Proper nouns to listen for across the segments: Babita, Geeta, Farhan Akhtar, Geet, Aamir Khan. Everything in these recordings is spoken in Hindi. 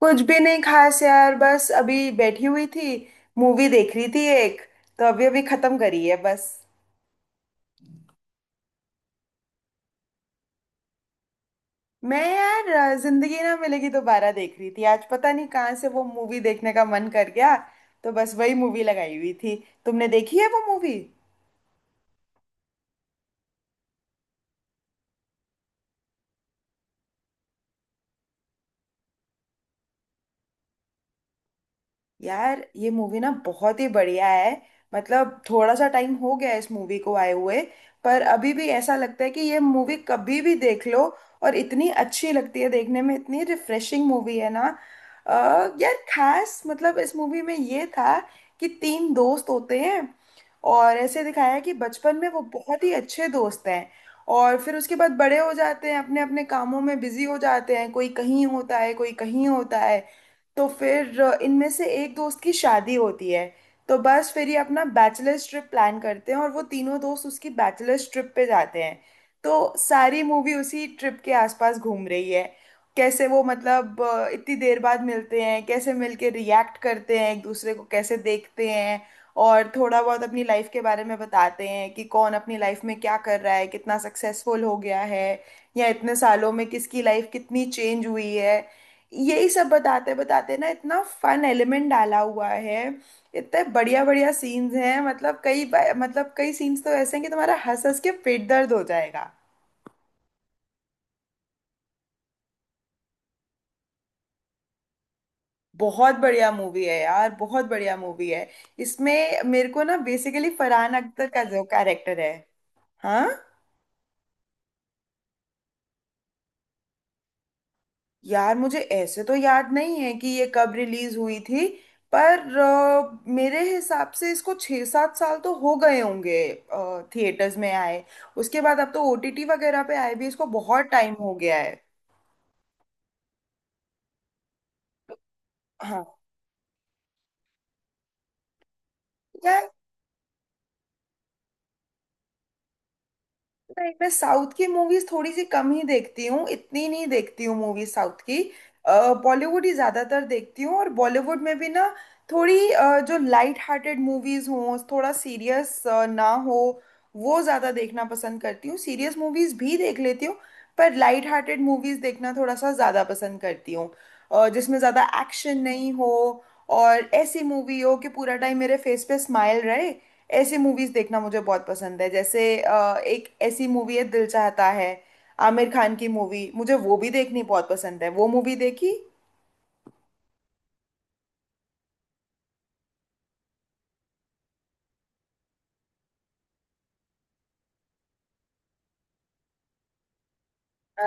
कुछ भी नहीं खास यार। बस अभी बैठी हुई थी, मूवी देख रही थी एक। तो अभी अभी खत्म करी है बस। मैं यार, जिंदगी ना मिलेगी दोबारा देख रही थी आज। पता नहीं कहाँ से वो मूवी देखने का मन कर गया, तो बस वही मूवी लगाई हुई थी। तुमने देखी है वो मूवी? यार ये मूवी ना बहुत ही बढ़िया है। मतलब थोड़ा सा टाइम हो गया है इस मूवी को आए हुए, पर अभी भी ऐसा लगता है कि ये मूवी कभी भी देख लो और इतनी अच्छी लगती है देखने में। इतनी रिफ्रेशिंग मूवी है ना। अ, यार खास मतलब इस मूवी में ये था कि तीन दोस्त होते हैं और ऐसे दिखाया है कि बचपन में वो बहुत ही अच्छे दोस्त हैं। और फिर उसके बाद बड़े हो जाते हैं, अपने अपने कामों में बिजी हो जाते हैं, कोई कहीं होता है कोई कहीं होता है। तो फिर इनमें से एक दोस्त की शादी होती है, तो बस फिर ये अपना बैचलर्स ट्रिप प्लान करते हैं और वो तीनों दोस्त उसकी बैचलर्स ट्रिप पे जाते हैं। तो सारी मूवी उसी ट्रिप के आसपास घूम रही है। कैसे वो मतलब इतनी देर बाद मिलते हैं, कैसे मिलके रिएक्ट करते हैं एक दूसरे को, कैसे देखते हैं। और थोड़ा बहुत अपनी लाइफ के बारे में बताते हैं कि कौन अपनी लाइफ में क्या कर रहा है, कितना सक्सेसफुल हो गया है, या इतने सालों में किसकी लाइफ कितनी चेंज हुई है। यही सब बताते बताते ना इतना फन एलिमेंट डाला हुआ है, इतने बढ़िया बढ़िया सीन्स हैं। मतलब कई बार, मतलब कई सीन्स तो ऐसे हैं कि तुम्हारा हंस हंस के पेट दर्द हो जाएगा। बहुत बढ़िया मूवी है यार, बहुत बढ़िया मूवी है। इसमें मेरे को ना बेसिकली फरहान अख्तर का जो कैरेक्टर है। हाँ, यार मुझे ऐसे तो याद नहीं है कि ये कब रिलीज हुई थी, पर मेरे हिसाब से इसको 6-7 साल तो हो गए होंगे थिएटर्स में आए। उसके बाद अब तो ओटीटी वगैरह पे आए भी इसको बहुत टाइम हो गया है। हाँ। यार नहीं, मैं साउथ की मूवीज थोड़ी सी कम ही देखती हूँ, इतनी नहीं देखती हूँ मूवीज साउथ की। बॉलीवुड ही ज्यादातर देखती हूँ और बॉलीवुड में भी ना थोड़ी जो लाइट हार्टेड मूवीज हों, थोड़ा सीरियस ना हो, वो ज्यादा देखना पसंद करती हूँ। सीरियस मूवीज भी देख लेती हूँ, पर लाइट हार्टेड मूवीज देखना थोड़ा सा ज्यादा पसंद करती हूँ। जिसमें ज्यादा एक्शन नहीं हो और ऐसी मूवी हो कि पूरा टाइम मेरे फेस पे स्माइल रहे, ऐसी मूवीज देखना मुझे बहुत पसंद है। जैसे एक ऐसी मूवी है, दिल चाहता है, आमिर खान की मूवी, मुझे वो भी देखनी बहुत पसंद है। वो मूवी देखी? अ,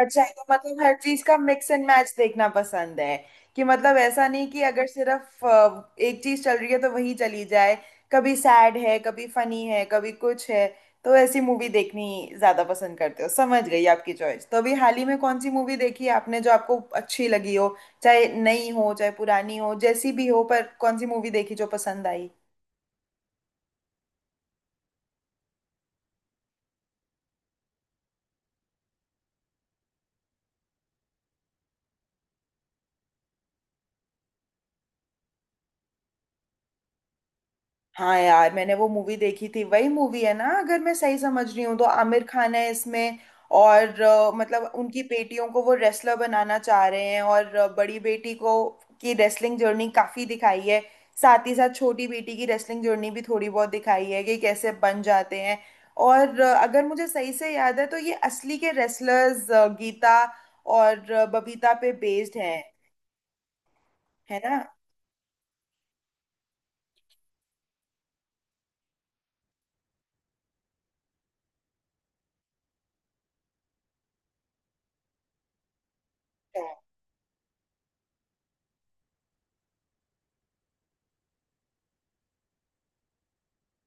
अच्छा, तो मतलब हर चीज का मिक्स एंड मैच देखना पसंद है, कि मतलब ऐसा नहीं कि अगर सिर्फ एक चीज चल रही है तो वही चली जाए। कभी सैड है कभी फनी है कभी कुछ है, तो ऐसी मूवी देखनी ज्यादा पसंद करते हो। समझ गई आपकी चॉइस। तो अभी हाल ही में कौन सी मूवी देखी है आपने जो आपको अच्छी लगी हो? चाहे नई हो चाहे पुरानी हो जैसी भी हो, पर कौन सी मूवी देखी जो पसंद आई? हाँ, यार मैंने वो मूवी देखी थी। वही मूवी है ना, अगर मैं सही समझ रही हूँ, तो आमिर खान है इसमें और मतलब उनकी बेटियों को वो रेसलर बनाना चाह रहे हैं। और बड़ी बेटी को की रेसलिंग जर्नी काफी दिखाई है। साथ ही साथ छोटी बेटी की रेसलिंग जर्नी भी थोड़ी बहुत दिखाई है कि कैसे बन जाते हैं। और अगर मुझे सही से याद है तो ये असली के रेसलर्स गीता और बबीता पे बेस्ड हैं, है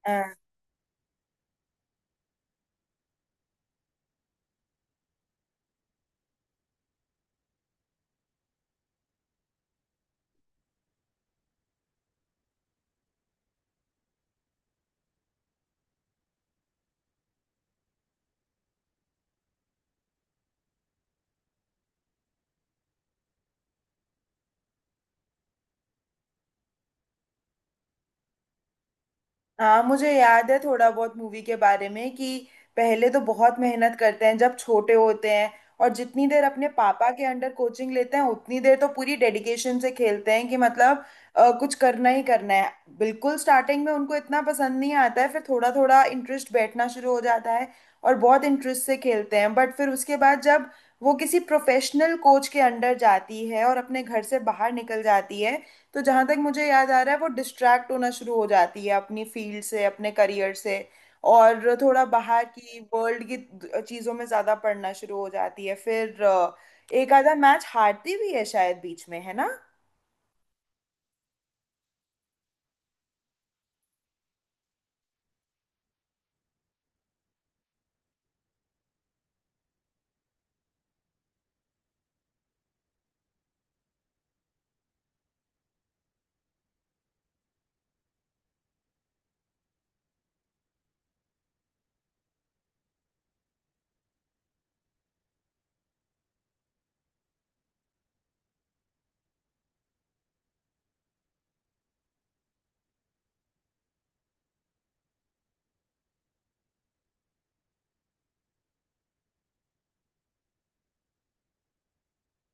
ना। हाँ, मुझे याद है थोड़ा बहुत मूवी के बारे में कि पहले तो बहुत मेहनत करते हैं जब छोटे होते हैं, और जितनी देर अपने पापा के अंडर कोचिंग लेते हैं उतनी देर तो पूरी डेडिकेशन से खेलते हैं कि मतलब कुछ करना ही करना है। बिल्कुल स्टार्टिंग में उनको इतना पसंद नहीं आता है, फिर थोड़ा थोड़ा इंटरेस्ट बैठना शुरू हो जाता है और बहुत इंटरेस्ट से खेलते हैं। बट फिर उसके बाद जब वो किसी प्रोफेशनल कोच के अंडर जाती है और अपने घर से बाहर निकल जाती है, तो जहाँ तक मुझे याद आ रहा है वो डिस्ट्रैक्ट होना शुरू हो जाती है अपनी फील्ड से, अपने करियर से, और थोड़ा बाहर की वर्ल्ड की चीज़ों में ज़्यादा पढ़ना शुरू हो जाती है। फिर एक आधा मैच हारती भी है शायद बीच में, है ना।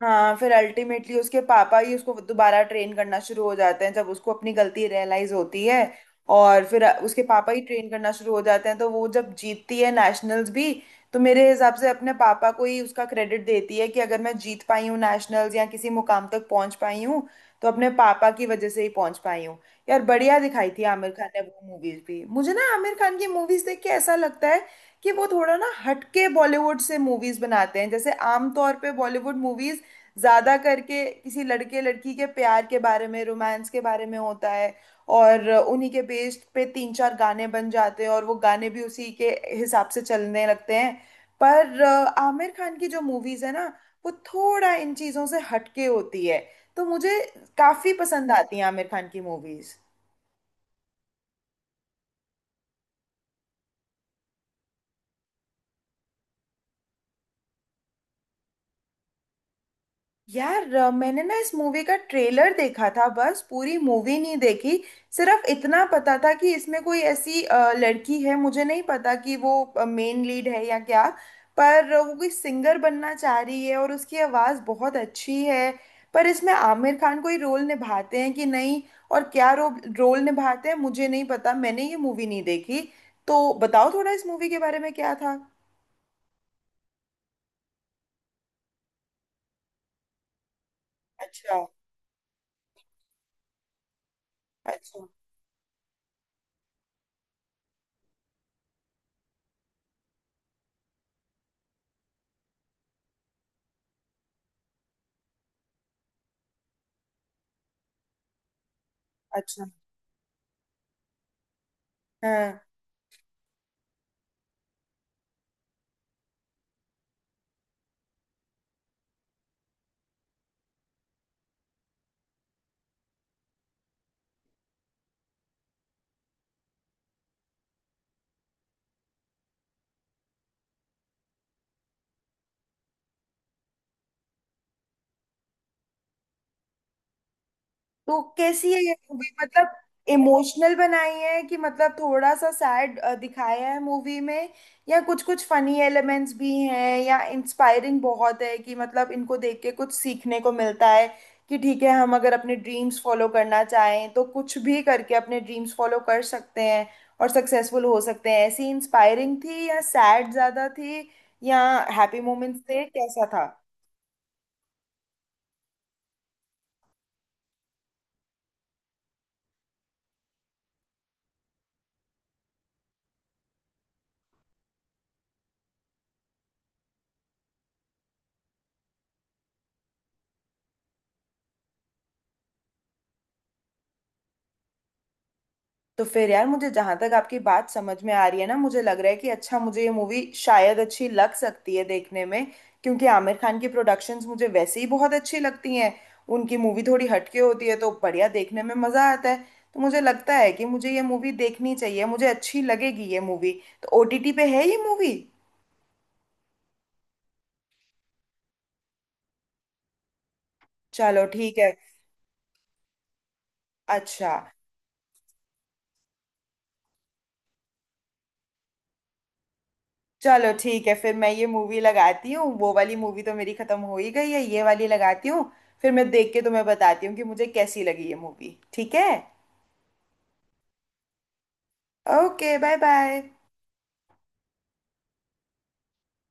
हाँ, फिर अल्टीमेटली उसके पापा ही उसको दोबारा ट्रेन करना शुरू हो जाते हैं जब उसको अपनी गलती रियलाइज होती है। और फिर उसके पापा ही ट्रेन करना शुरू हो जाते हैं, तो वो जब जीतती है नेशनल्स भी, तो मेरे हिसाब से अपने पापा को ही उसका क्रेडिट देती है कि अगर मैं जीत पाई हूँ नेशनल्स या किसी मुकाम तक पहुंच पाई हूँ, तो अपने पापा की वजह से ही पहुंच पाई हूँ। यार बढ़िया दिखाई थी आमिर खान ने। वो मूवीज भी मुझे ना, आमिर खान की मूवीज देख के ऐसा लगता है कि वो थोड़ा ना हटके बॉलीवुड से मूवीज बनाते हैं। जैसे आमतौर पे बॉलीवुड मूवीज ज्यादा करके किसी लड़के लड़की के प्यार के बारे में, रोमांस के बारे में होता है, और उन्हीं के बेस्ड पे तीन चार गाने बन जाते हैं और वो गाने भी उसी के हिसाब से चलने लगते हैं। पर आमिर खान की जो मूवीज है ना, वो थोड़ा इन चीजों से हटके होती है, तो मुझे काफी पसंद आती है आमिर खान की मूवीज। यार, मैंने ना इस मूवी का ट्रेलर देखा था बस, पूरी मूवी नहीं देखी। सिर्फ इतना पता था कि इसमें कोई ऐसी लड़की है, मुझे नहीं पता कि वो मेन लीड है या क्या, पर वो कोई सिंगर बनना चाह रही है और उसकी आवाज़ बहुत अच्छी है। पर इसमें आमिर खान कोई रोल निभाते हैं कि नहीं, और रोल निभाते हैं मुझे नहीं पता, मैंने ये मूवी नहीं देखी। तो बताओ थोड़ा इस मूवी के बारे में क्या था। अच्छा। अच्छा अच्छा। हाँ, तो कैसी है ये मूवी, मतलब इमोशनल बनाई है कि मतलब थोड़ा सा सैड दिखाया है मूवी में, या कुछ कुछ फनी एलिमेंट्स भी हैं, या इंस्पायरिंग बहुत है कि मतलब इनको देख के कुछ सीखने को मिलता है कि ठीक है हम अगर अपने ड्रीम्स फॉलो करना चाहें तो कुछ भी करके अपने ड्रीम्स फॉलो कर सकते हैं और सक्सेसफुल हो सकते हैं? ऐसी इंस्पायरिंग थी, या सैड ज़्यादा थी, या हैप्पी मोमेंट्स थे, कैसा था? तो फिर यार, मुझे जहां तक आपकी बात समझ में आ रही है ना, मुझे लग रहा है कि अच्छा मुझे ये मूवी शायद अच्छी लग सकती है देखने में, क्योंकि आमिर खान की प्रोडक्शंस मुझे वैसे ही बहुत अच्छी लगती हैं। उनकी मूवी थोड़ी हटके होती है तो बढ़िया, देखने में मजा आता है। तो मुझे लगता है कि मुझे ये मूवी देखनी चाहिए, मुझे अच्छी लगेगी ये मूवी। तो ओटीटी पे है ये मूवी? चलो ठीक है। अच्छा, चलो ठीक है, फिर मैं ये मूवी लगाती हूँ। वो वाली मूवी तो मेरी खत्म हो ही गई है, ये वाली लगाती हूँ। फिर मैं देख के तुम्हें बताती हूँ कि मुझे कैसी लगी ये मूवी, ठीक है। Okay, bye bye.